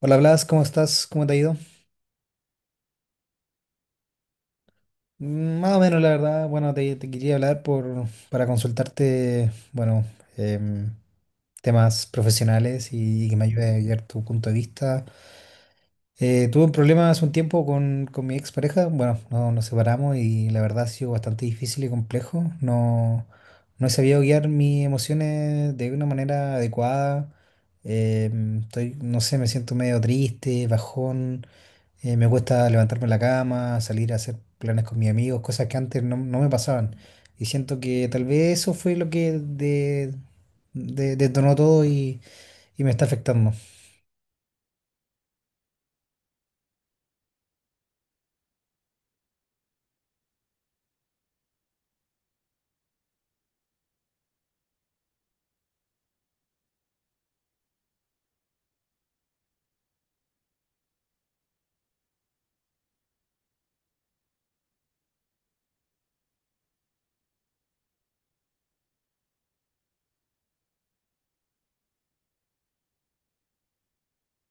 Hola Blas, ¿cómo estás? ¿Cómo te ha ido? Más o menos, la verdad. Bueno, te quería hablar para consultarte, em, temas profesionales y, que me ayude a guiar tu punto de vista. Tuve un problema hace un tiempo con mi expareja. Bueno, no, nos separamos y la verdad ha sido bastante difícil y complejo. No, no he sabido guiar mis emociones de una manera adecuada. Estoy, no sé, me siento medio triste, bajón. Me gusta levantarme en la cama, salir a hacer planes con mis amigos, cosas que antes no, no me pasaban. Y siento que tal vez eso fue lo que detonó todo y me está afectando.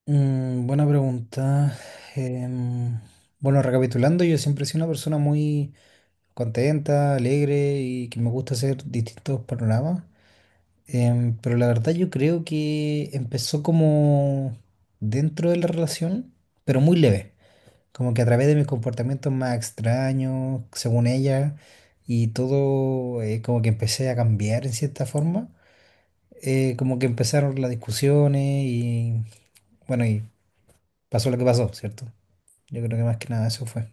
Buena pregunta. Em, bueno, recapitulando, yo siempre he sido una persona muy contenta, alegre y que me gusta hacer distintos panoramas. Pero la verdad yo creo que empezó como dentro de la relación, pero muy leve. Como que a través de mis comportamientos más extraños, según ella, y todo, como que empecé a cambiar en cierta forma. Como que empezaron las discusiones y pasó lo que pasó, ¿cierto? Yo creo que más que nada eso fue.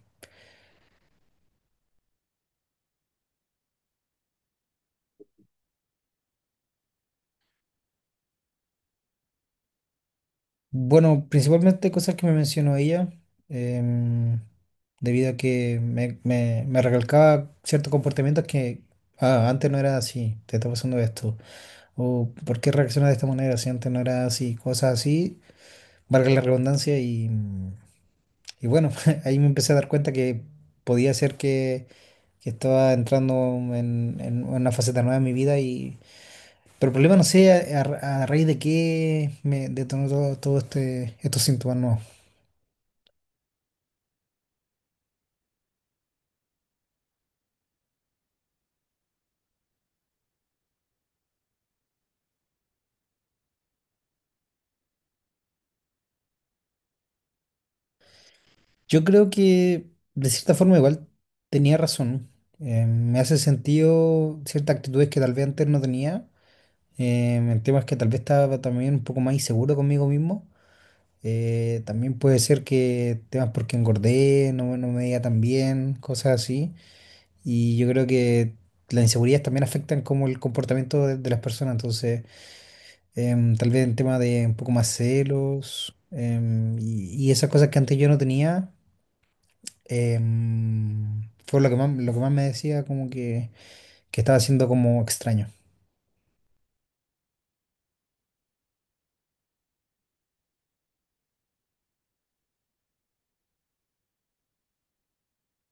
Bueno, principalmente cosas que me mencionó ella, em, debido a que me recalcaba ciertos comportamientos que antes no era así, te está pasando esto, o por qué reaccionas de esta manera si antes no era así, cosas así valga la redundancia, y bueno, ahí me empecé a dar cuenta que podía ser que, que estaba entrando en una faceta nueva de mi vida, pero el problema no sé a raíz de qué me detonó todo, estos síntomas nuevos. Yo creo que de cierta forma igual tenía razón. Me hace sentido ciertas actitudes que tal vez antes no tenía. El tema es que tal vez estaba también un poco más inseguro conmigo mismo. También puede ser que temas porque engordé, no me veía tan bien, cosas así. Y yo creo que las inseguridades también afectan como el comportamiento de las personas. Entonces, tal vez en tema de un poco más celos y esas cosas que antes yo no tenía, fue lo que más me decía como que estaba siendo como extraño.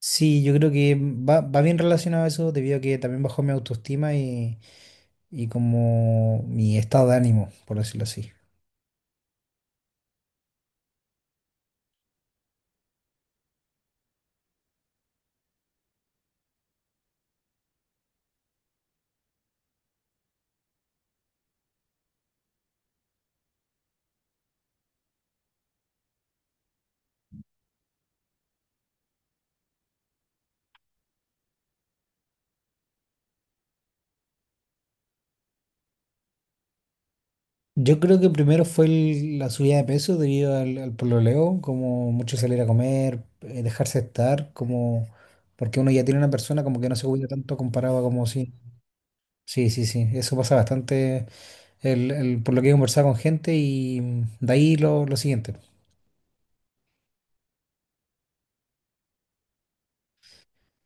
Sí, yo creo que va bien relacionado a eso debido a que también bajó mi autoestima y como mi estado de ánimo, por decirlo así. Yo creo que primero fue la subida de peso debido al pololeo, como mucho salir a comer, dejarse estar, como porque uno ya tiene una persona como que no se cuida tanto comparado a como si Sí, eso pasa bastante por lo que he conversado con gente y de ahí lo siguiente.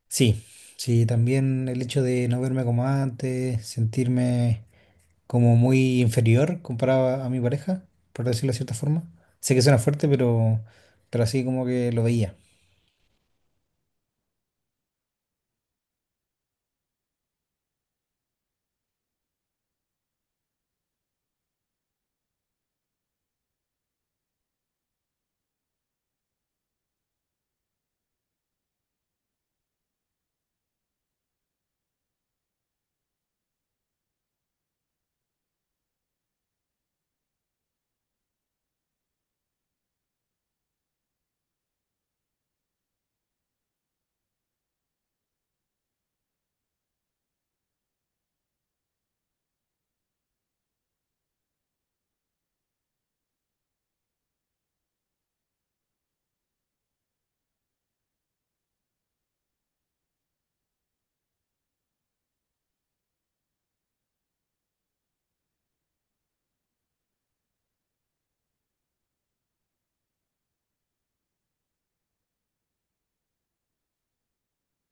Sí, sí, también el hecho de no verme como antes, sentirme como muy inferior comparado a mi pareja, por decirlo de cierta forma. Sé que suena fuerte, pero así como que lo veía.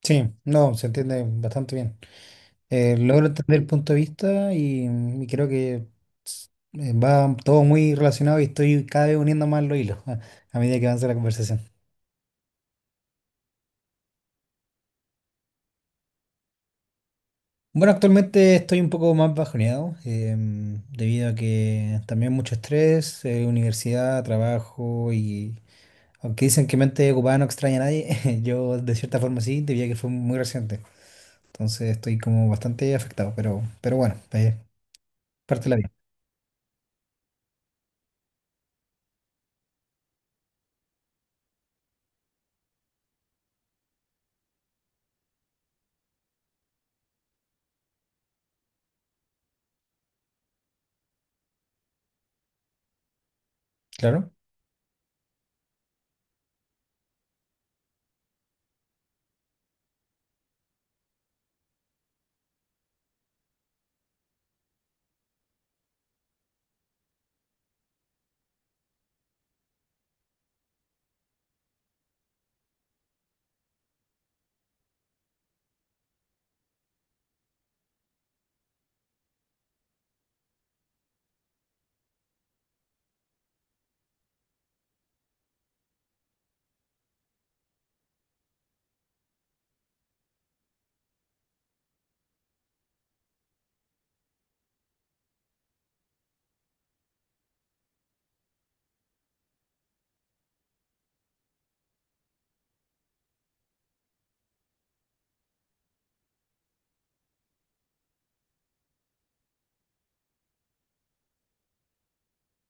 Sí, no, se entiende bastante bien. Logro entender el punto de vista y creo que va todo muy relacionado y estoy cada vez uniendo más los hilos a medida que avanza la conversación. Bueno, actualmente estoy un poco más bajoneado debido a que también mucho estrés, universidad, trabajo. Aunque dicen que mente ocupada no extraña a nadie, yo de cierta forma sí, diría que fue muy reciente. Entonces estoy como bastante afectado, pero bueno, parte de la vida, claro.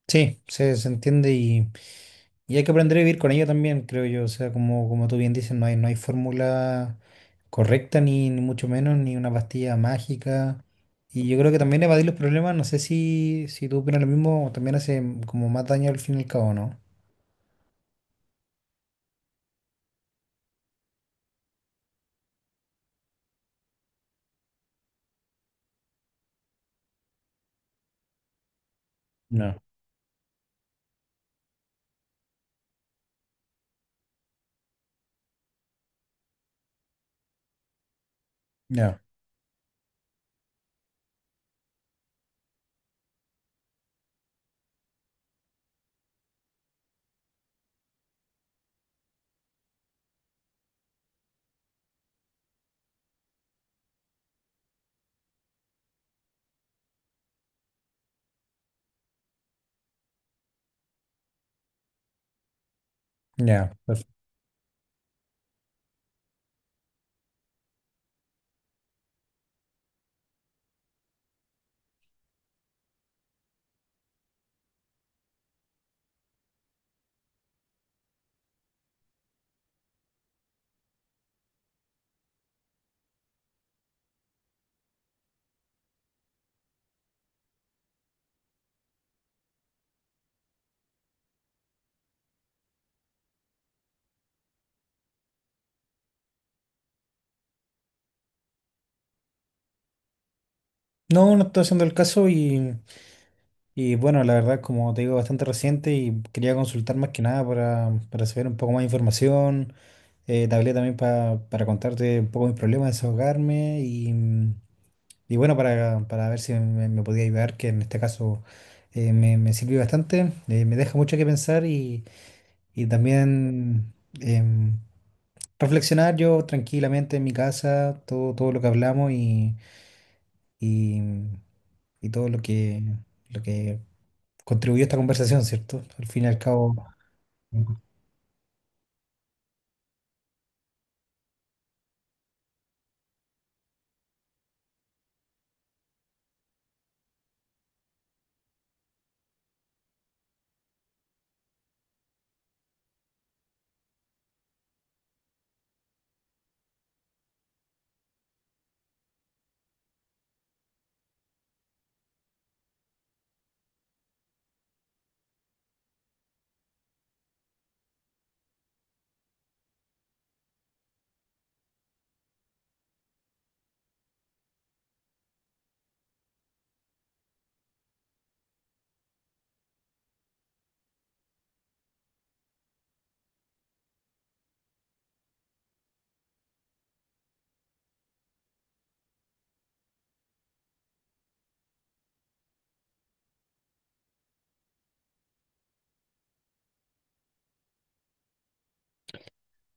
Sí, se entiende y hay que aprender a vivir con ello también, creo yo. O sea, como tú bien dices, no hay fórmula correcta, ni mucho menos, ni una pastilla mágica. Y yo creo que también evadir los problemas, no sé si, si tú opinas lo mismo, también hace como más daño al fin y al cabo, ¿no? No. Ya, ya. No, no estoy haciendo el caso. Y bueno, la verdad, como te digo, bastante reciente y quería consultar más que nada para saber un poco más de información. Te hablé también para contarte un poco mis problemas, desahogarme. Y bueno, para ver si me podía ayudar, que en este caso me sirvió bastante, me deja mucho que pensar y también em, reflexionar yo tranquilamente en mi casa, todo lo que hablamos y, y todo lo que contribuyó a esta conversación, ¿cierto? Al fin y al cabo.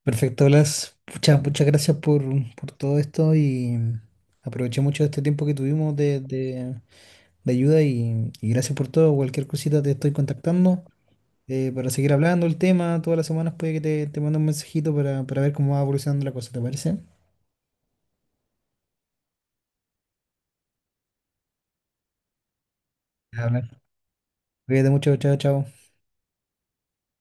Perfecto, Blas. Muchas gracias por todo esto y aproveché mucho este tiempo que tuvimos de ayuda y gracias por todo. Cualquier cosita te estoy contactando para seguir hablando el tema. Todas las semanas puede que te mande un mensajito para ver cómo va evolucionando la cosa, ¿te parece? Ya, Blas. Cuídate mucho, chao, chao.